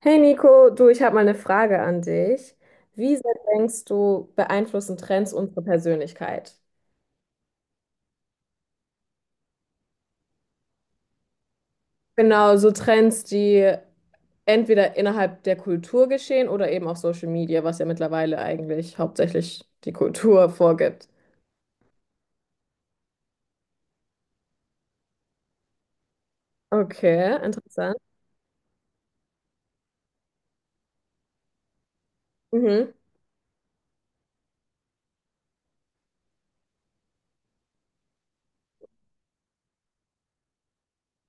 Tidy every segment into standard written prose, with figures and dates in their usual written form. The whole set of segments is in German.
Hey Nico, du, ich habe mal eine Frage an dich. Wie sehr denkst du, beeinflussen Trends unsere Persönlichkeit? Genau, so Trends, die entweder innerhalb der Kultur geschehen oder eben auf Social Media, was ja mittlerweile eigentlich hauptsächlich die Kultur vorgibt. Okay, interessant. Mhm,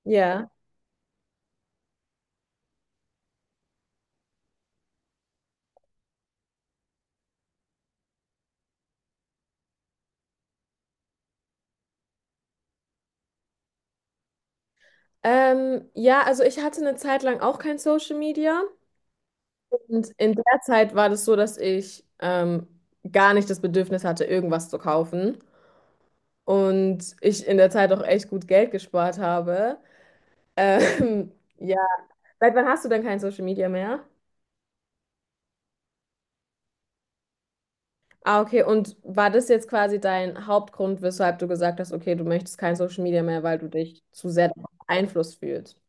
ja. Ja, also ich hatte eine Zeit lang auch kein Social Media und in der Zeit war das so, dass ich gar nicht das Bedürfnis hatte, irgendwas zu kaufen. Und ich in der Zeit auch echt gut Geld gespart habe. Ähm, ja, seit wann hast du denn kein Social Media mehr? Ah, okay. Und war das jetzt quasi dein Hauptgrund, weshalb du gesagt hast, okay, du möchtest kein Social Media mehr, weil du dich zu sehr davon beeinflusst fühlst?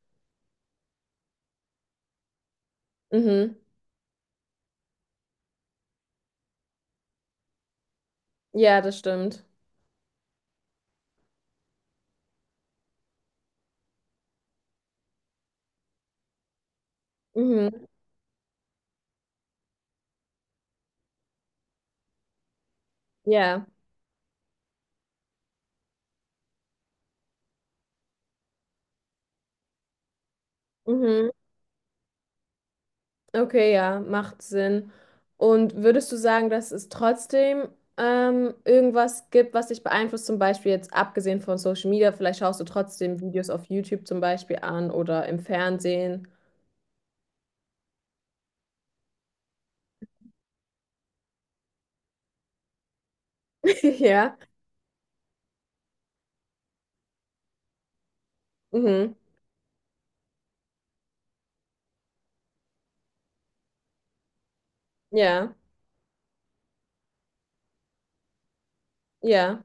Mhm. Ja, das stimmt. Mhm. Ja. Mhm. Okay, ja, macht Sinn. Und würdest du sagen, dass es trotzdem irgendwas gibt, was dich beeinflusst, zum Beispiel jetzt abgesehen von Social Media, vielleicht schaust du trotzdem Videos auf YouTube zum Beispiel an oder im Fernsehen. Ja, mhm. Ja, ja,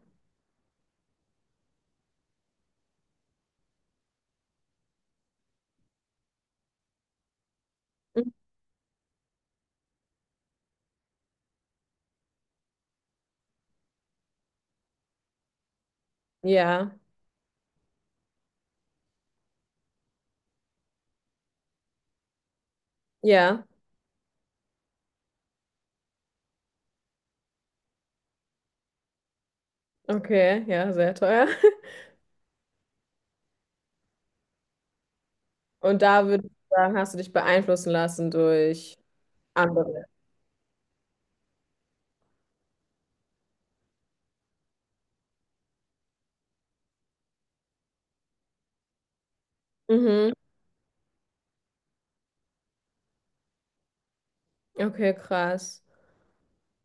mhm. Ja, ja, okay, ja, sehr teuer. Und da würdest du sagen, hast du dich beeinflussen lassen durch andere. Mhm. Okay, krass.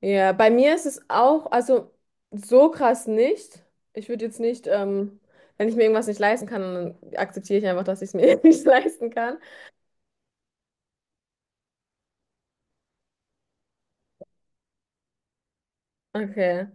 Ja, bei mir ist es auch, also so krass nicht. Ich würde jetzt nicht, wenn ich mir irgendwas nicht leisten kann, dann akzeptiere ich einfach, dass ich es mir nicht leisten kann. Okay.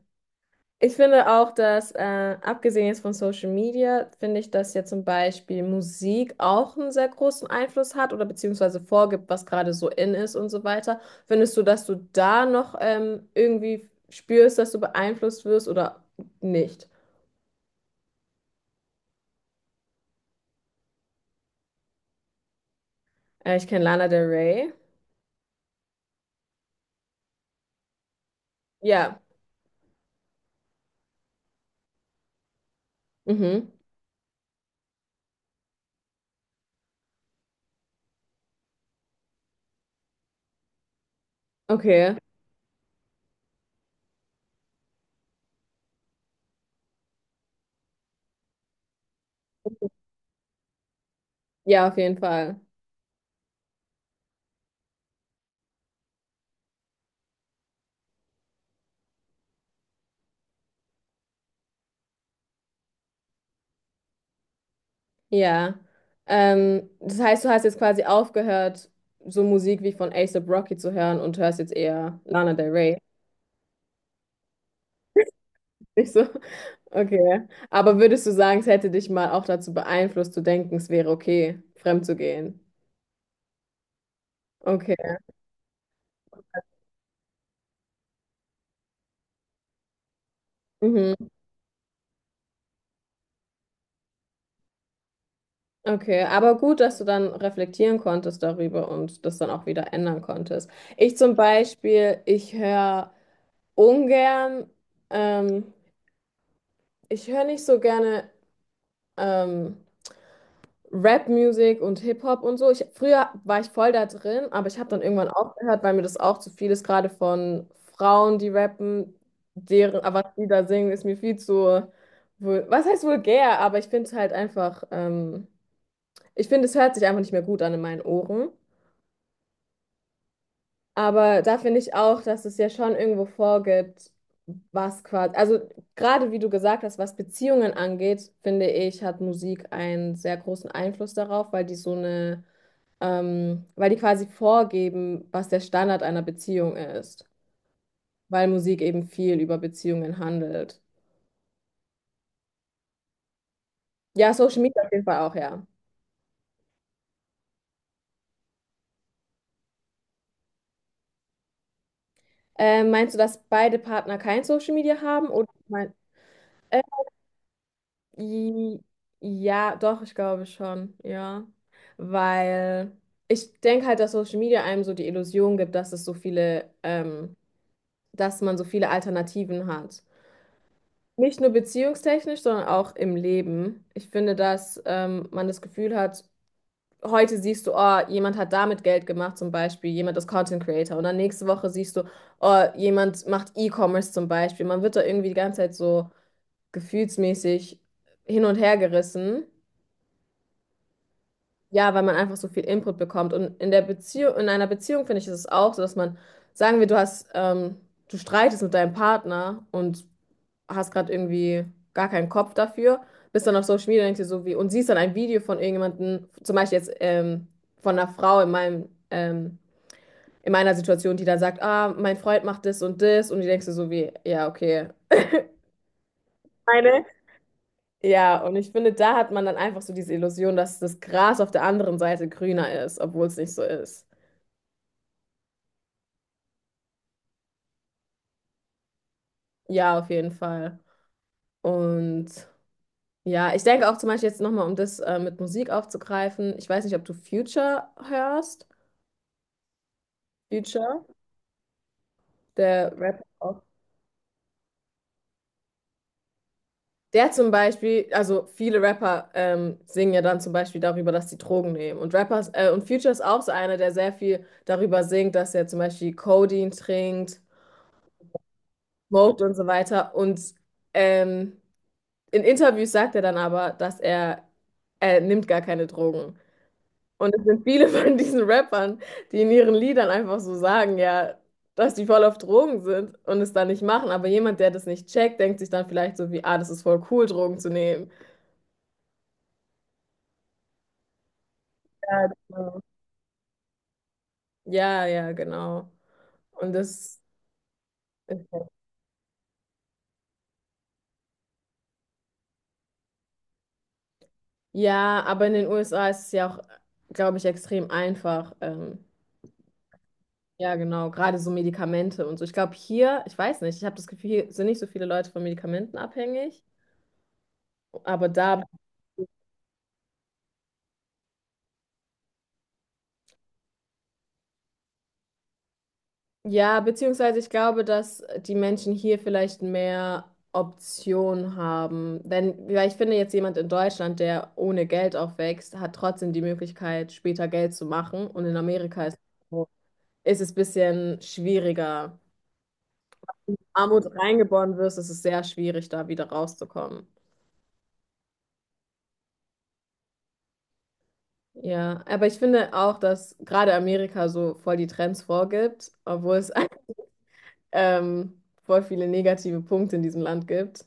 Ich finde auch, dass, abgesehen jetzt von Social Media, finde ich, dass ja zum Beispiel Musik auch einen sehr großen Einfluss hat oder beziehungsweise vorgibt, was gerade so in ist und so weiter. Findest du, dass du da noch irgendwie spürst, dass du beeinflusst wirst oder nicht? Ich kenne Lana Del Rey. Ja. Mhm. Okay, ja, auf jeden Fall. Ja. Das heißt, du hast jetzt quasi aufgehört, so Musik wie von A$AP Rocky zu hören und hörst jetzt eher Lana Del Rey. Nicht so? Okay. Aber würdest du sagen, es hätte dich mal auch dazu beeinflusst, zu denken, es wäre okay, fremd zu gehen? Okay. Mhm. Okay. Aber gut, dass du dann reflektieren konntest darüber und das dann auch wieder ändern konntest. Ich zum Beispiel, ich höre ungern, ähm, ich höre nicht so gerne. ähm, Rap-Musik und Hip-Hop und so. Ich, früher war ich voll da drin, aber ich habe dann irgendwann aufgehört, weil mir das auch zu viel ist, gerade von Frauen, die rappen, deren, aber was die da singen, ist mir viel zu, was heißt vulgär, aber ich finde es halt einfach, ich finde, es hört sich einfach nicht mehr gut an in meinen Ohren. Aber da finde ich auch, dass es ja schon irgendwo vorgibt, was quasi, also gerade wie du gesagt hast, was Beziehungen angeht, finde ich, hat Musik einen sehr großen Einfluss darauf, weil die so eine weil die quasi vorgeben, was der Standard einer Beziehung ist, weil Musik eben viel über Beziehungen handelt. Ja, Social Media auf jeden Fall auch, ja. Meinst du, dass beide Partner kein Social Media haben? Oder mein, äh, i- ja, doch, ich glaube schon, ja. Weil ich denke halt, dass Social Media einem so die Illusion gibt, dass es so viele, dass man so viele Alternativen hat. Nicht nur beziehungstechnisch, sondern auch im Leben. Ich finde, dass man das Gefühl hat, heute siehst du, oh, jemand hat damit Geld gemacht, zum Beispiel, jemand ist Content Creator. Und dann nächste Woche siehst du, oh, jemand macht E-Commerce zum Beispiel. Man wird da irgendwie die ganze Zeit so gefühlsmäßig hin und her gerissen. Ja, weil man einfach so viel Input bekommt. Und in der Beziehung, in einer Beziehung finde ich, ist es auch so, dass man, sagen wir, du hast, du streitest mit deinem Partner und hast gerade irgendwie gar keinen Kopf dafür, bist dann auf Social Media und denkst dir so wie, und siehst dann ein Video von irgendjemandem, zum Beispiel jetzt von einer Frau in meinem, in meiner Situation, die dann sagt, ah, mein Freund macht das und das, und die denkst du so wie, ja, okay. Meine? Ja, und ich finde, da hat man dann einfach so diese Illusion, dass das Gras auf der anderen Seite grüner ist, obwohl es nicht so ist. Ja, auf jeden Fall. Und ja, ich denke auch zum Beispiel jetzt nochmal, um das mit Musik aufzugreifen, ich weiß nicht, ob du Future hörst. Future? Der Rapper auch. Der zum Beispiel, also viele Rapper singen ja dann zum Beispiel darüber, dass sie Drogen nehmen. Und Rappers, und Future ist auch so einer, der sehr viel darüber singt, dass er zum Beispiel Codein trinkt, smoked und so weiter. Und ähm, in Interviews sagt er dann aber, dass er nimmt gar keine Drogen. Und es sind viele von diesen Rappern, die in ihren Liedern einfach so sagen, ja, dass die voll auf Drogen sind und es dann nicht machen. Aber jemand, der das nicht checkt, denkt sich dann vielleicht so wie, ah, das ist voll cool, Drogen zu nehmen. Ja, genau. Ja, ja, genau. Und das, ja, aber in den USA ist es ja auch, glaube ich, extrem einfach. Ja, genau, gerade so Medikamente und so. Ich glaube, hier, ich weiß nicht, ich habe das Gefühl, hier sind nicht so viele Leute von Medikamenten abhängig. Aber da, ja, beziehungsweise ich glaube, dass die Menschen hier vielleicht mehr Optionen haben. Denn, weil ich finde, jetzt jemand in Deutschland, der ohne Geld aufwächst, hat trotzdem die Möglichkeit, später Geld zu machen. Und in Amerika ist es ein bisschen schwieriger. Armut reingeboren wirst, ist es sehr schwierig, da wieder rauszukommen. Ja, aber ich finde auch, dass gerade Amerika so voll die Trends vorgibt, obwohl es voll viele negative Punkte in diesem Land gibt.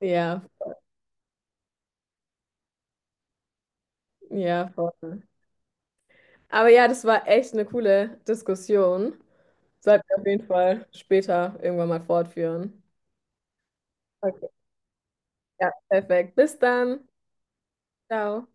Ja, ja, voll. Aber ja, das war echt eine coole Diskussion. Sollten wir auf jeden Fall später irgendwann mal fortführen. Okay. Ja, perfekt. Bis dann. Ciao.